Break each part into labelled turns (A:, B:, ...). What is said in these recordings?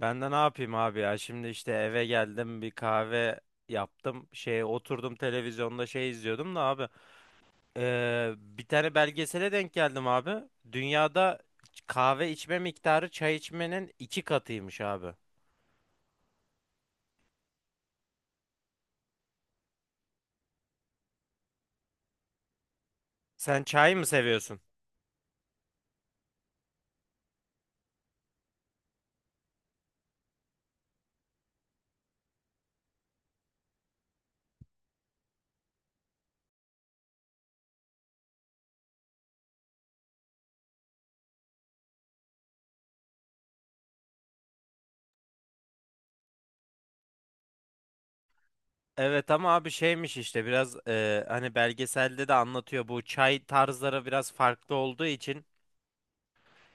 A: Ben de ne yapayım abi ya? Şimdi işte eve geldim bir kahve yaptım. Şey oturdum televizyonda şey izliyordum da abi. Bir tane belgesele denk geldim abi. Dünyada kahve içme miktarı çay içmenin iki katıymış abi. Sen çay mı seviyorsun? Evet ama abi şeymiş işte biraz hani belgeselde de anlatıyor bu çay tarzları biraz farklı olduğu için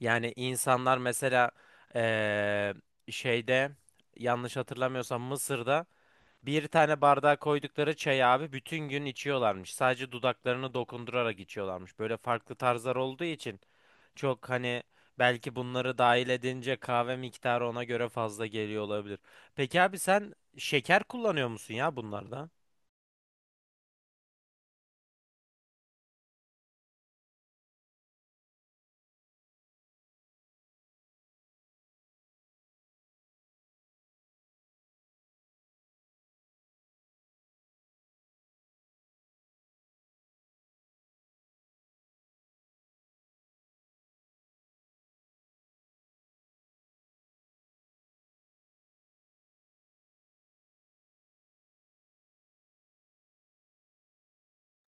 A: yani insanlar mesela e, şeyde yanlış hatırlamıyorsam Mısır'da bir tane bardağa koydukları çayı abi bütün gün içiyorlarmış. Sadece dudaklarını dokundurarak içiyorlarmış. Böyle farklı tarzlar olduğu için çok hani belki bunları dahil edince kahve miktarı ona göre fazla geliyor olabilir. Peki abi sen şeker kullanıyor musun ya bunlarda?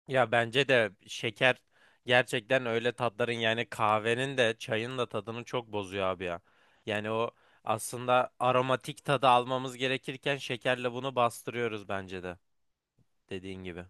A: Ya bence de şeker gerçekten öyle tatların yani kahvenin de çayın da tadını çok bozuyor abi ya. Yani o aslında aromatik tadı almamız gerekirken şekerle bunu bastırıyoruz bence de dediğin gibi.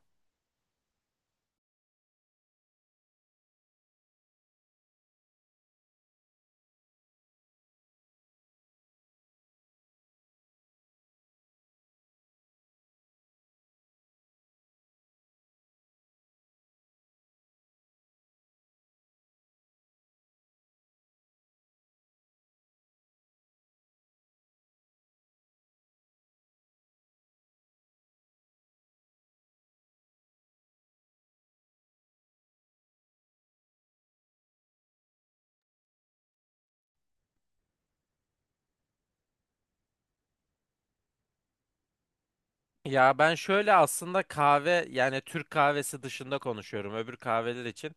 A: Ya ben şöyle aslında kahve yani Türk kahvesi dışında konuşuyorum öbür kahveler için.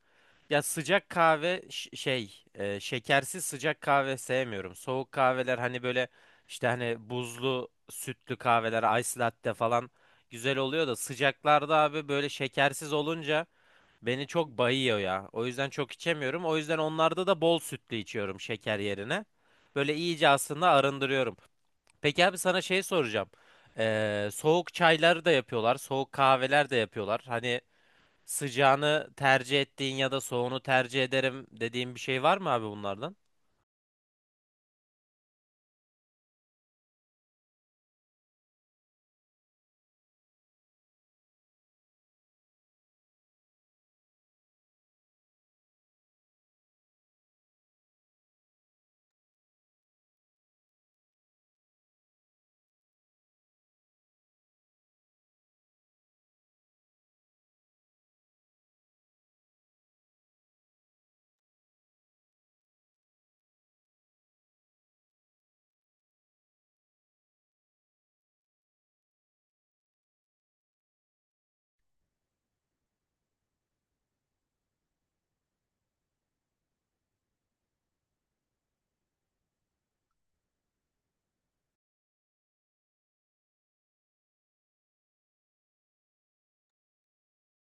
A: Ya sıcak kahve şekersiz sıcak kahve sevmiyorum. Soğuk kahveler hani böyle işte hani buzlu sütlü kahveler ice latte falan güzel oluyor da sıcaklarda abi böyle şekersiz olunca beni çok bayıyor ya. O yüzden çok içemiyorum. O yüzden onlarda da bol sütlü içiyorum şeker yerine. Böyle iyice aslında arındırıyorum. Peki abi sana şey soracağım. Soğuk çayları da yapıyorlar, soğuk kahveler de yapıyorlar. Hani sıcağını tercih ettiğin ya da soğuğunu tercih ederim dediğin bir şey var mı abi bunlardan?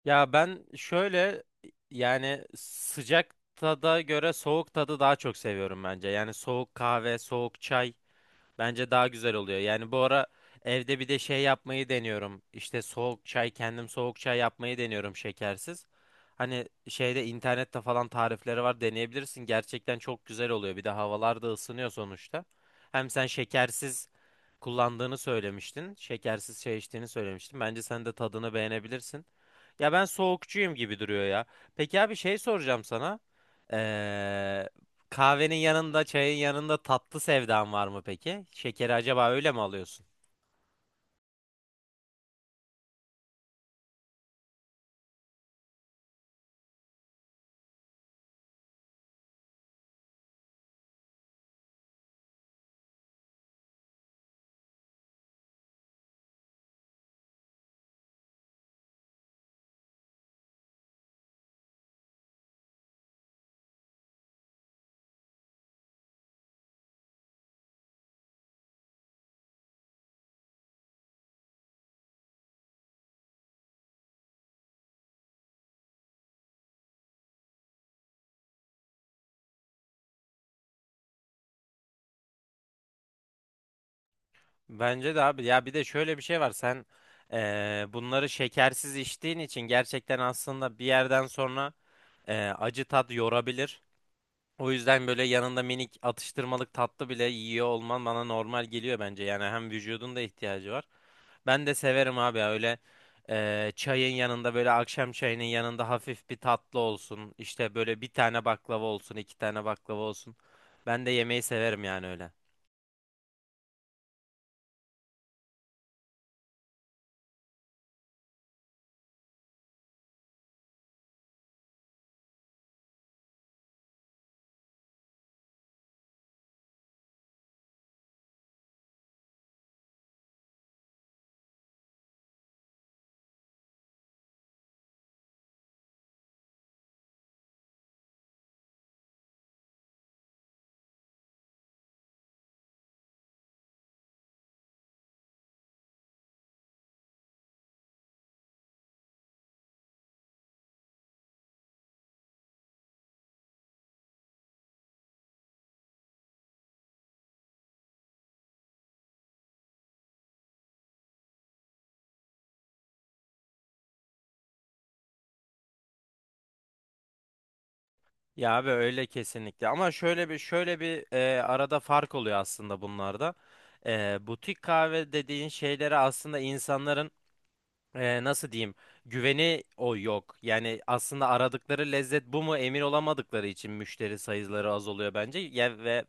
A: Ya ben şöyle yani sıcak tada göre soğuk tadı daha çok seviyorum bence. Yani soğuk kahve, soğuk çay. Bence daha güzel oluyor. Yani bu ara evde bir de şey yapmayı deniyorum. İşte soğuk çay kendim soğuk çay yapmayı deniyorum şekersiz. Hani şeyde internette falan tarifleri var deneyebilirsin. Gerçekten çok güzel oluyor. Bir de havalar da ısınıyor sonuçta. Hem sen şekersiz kullandığını söylemiştin. Şekersiz çay içtiğini söylemiştin. Bence sen de tadını beğenebilirsin. Ya ben soğukçuyum gibi duruyor ya. Peki abi şey soracağım sana. Ee, Kahvenin yanında, çayın yanında tatlı sevdan var mı peki? Şekeri acaba öyle mi alıyorsun? Bence de abi. Ya bir de şöyle bir şey var. Sen bunları şekersiz içtiğin için gerçekten aslında bir yerden sonra acı tat yorabilir. O yüzden böyle yanında minik atıştırmalık tatlı bile yiyor olman bana normal geliyor bence. Yani hem vücudun da ihtiyacı var. Ben de severim abi ya öyle çayın yanında böyle akşam çayının yanında hafif bir tatlı olsun. İşte böyle bir tane baklava olsun, iki tane baklava olsun. Ben de yemeği severim yani öyle. Ya abi öyle kesinlikle. Ama şöyle bir arada fark oluyor aslında bunlarda. Butik kahve dediğin şeylere aslında insanların nasıl diyeyim güveni o yok. Yani aslında aradıkları lezzet bu mu emin olamadıkları için müşteri sayıları az oluyor bence. Ya, ve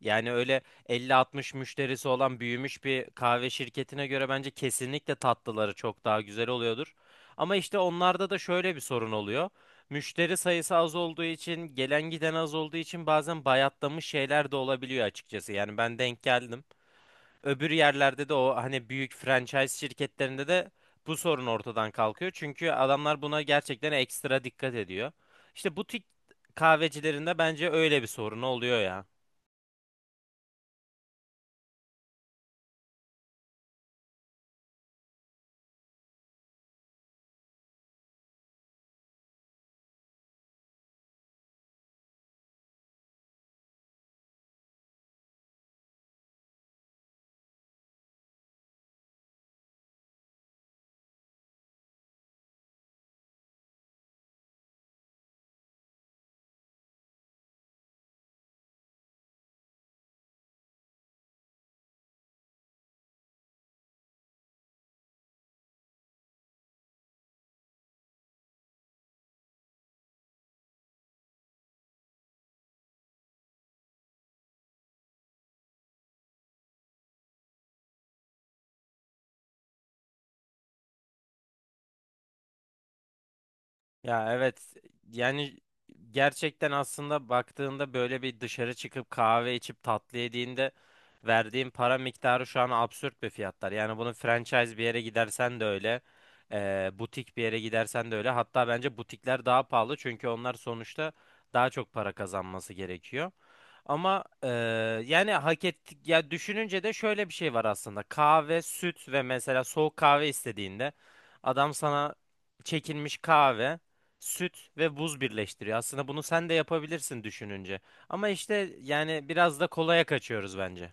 A: yani öyle 50 60 müşterisi olan büyümüş bir kahve şirketine göre bence kesinlikle tatlıları çok daha güzel oluyordur. Ama işte onlarda da şöyle bir sorun oluyor. Müşteri sayısı az olduğu için, gelen giden az olduğu için bazen bayatlamış şeyler de olabiliyor açıkçası. Yani ben denk geldim öbür yerlerde de o hani büyük franchise şirketlerinde de bu sorun ortadan kalkıyor. Çünkü adamlar buna gerçekten ekstra dikkat ediyor. İşte butik kahvecilerinde bence öyle bir sorun oluyor ya. Ya evet yani gerçekten aslında baktığında böyle bir dışarı çıkıp kahve içip tatlı yediğinde verdiğin para miktarı şu an absürt bir fiyatlar. Yani bunu franchise bir yere gidersen de öyle, butik bir yere gidersen de öyle. Hatta bence butikler daha pahalı çünkü onlar sonuçta daha çok para kazanması gerekiyor. Ama yani hak ettik ya düşününce de şöyle bir şey var aslında. Kahve, süt ve mesela soğuk kahve istediğinde adam sana çekilmiş kahve, süt ve buz birleştiriyor. Aslında bunu sen de yapabilirsin düşününce. Ama işte yani biraz da kolaya kaçıyoruz bence.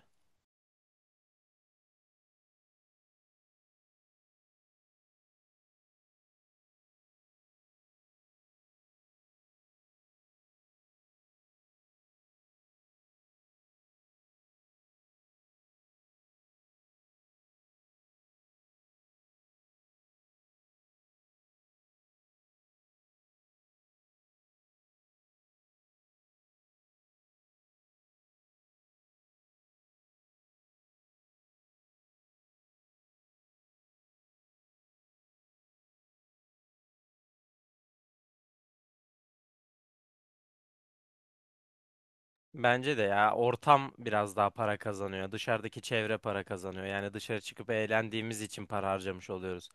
A: Bence de ya ortam biraz daha para kazanıyor. Dışarıdaki çevre para kazanıyor. Yani dışarı çıkıp eğlendiğimiz için para harcamış oluyoruz.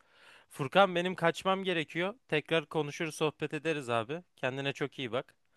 A: Furkan benim kaçmam gerekiyor. Tekrar konuşur sohbet ederiz abi. Kendine çok iyi bak.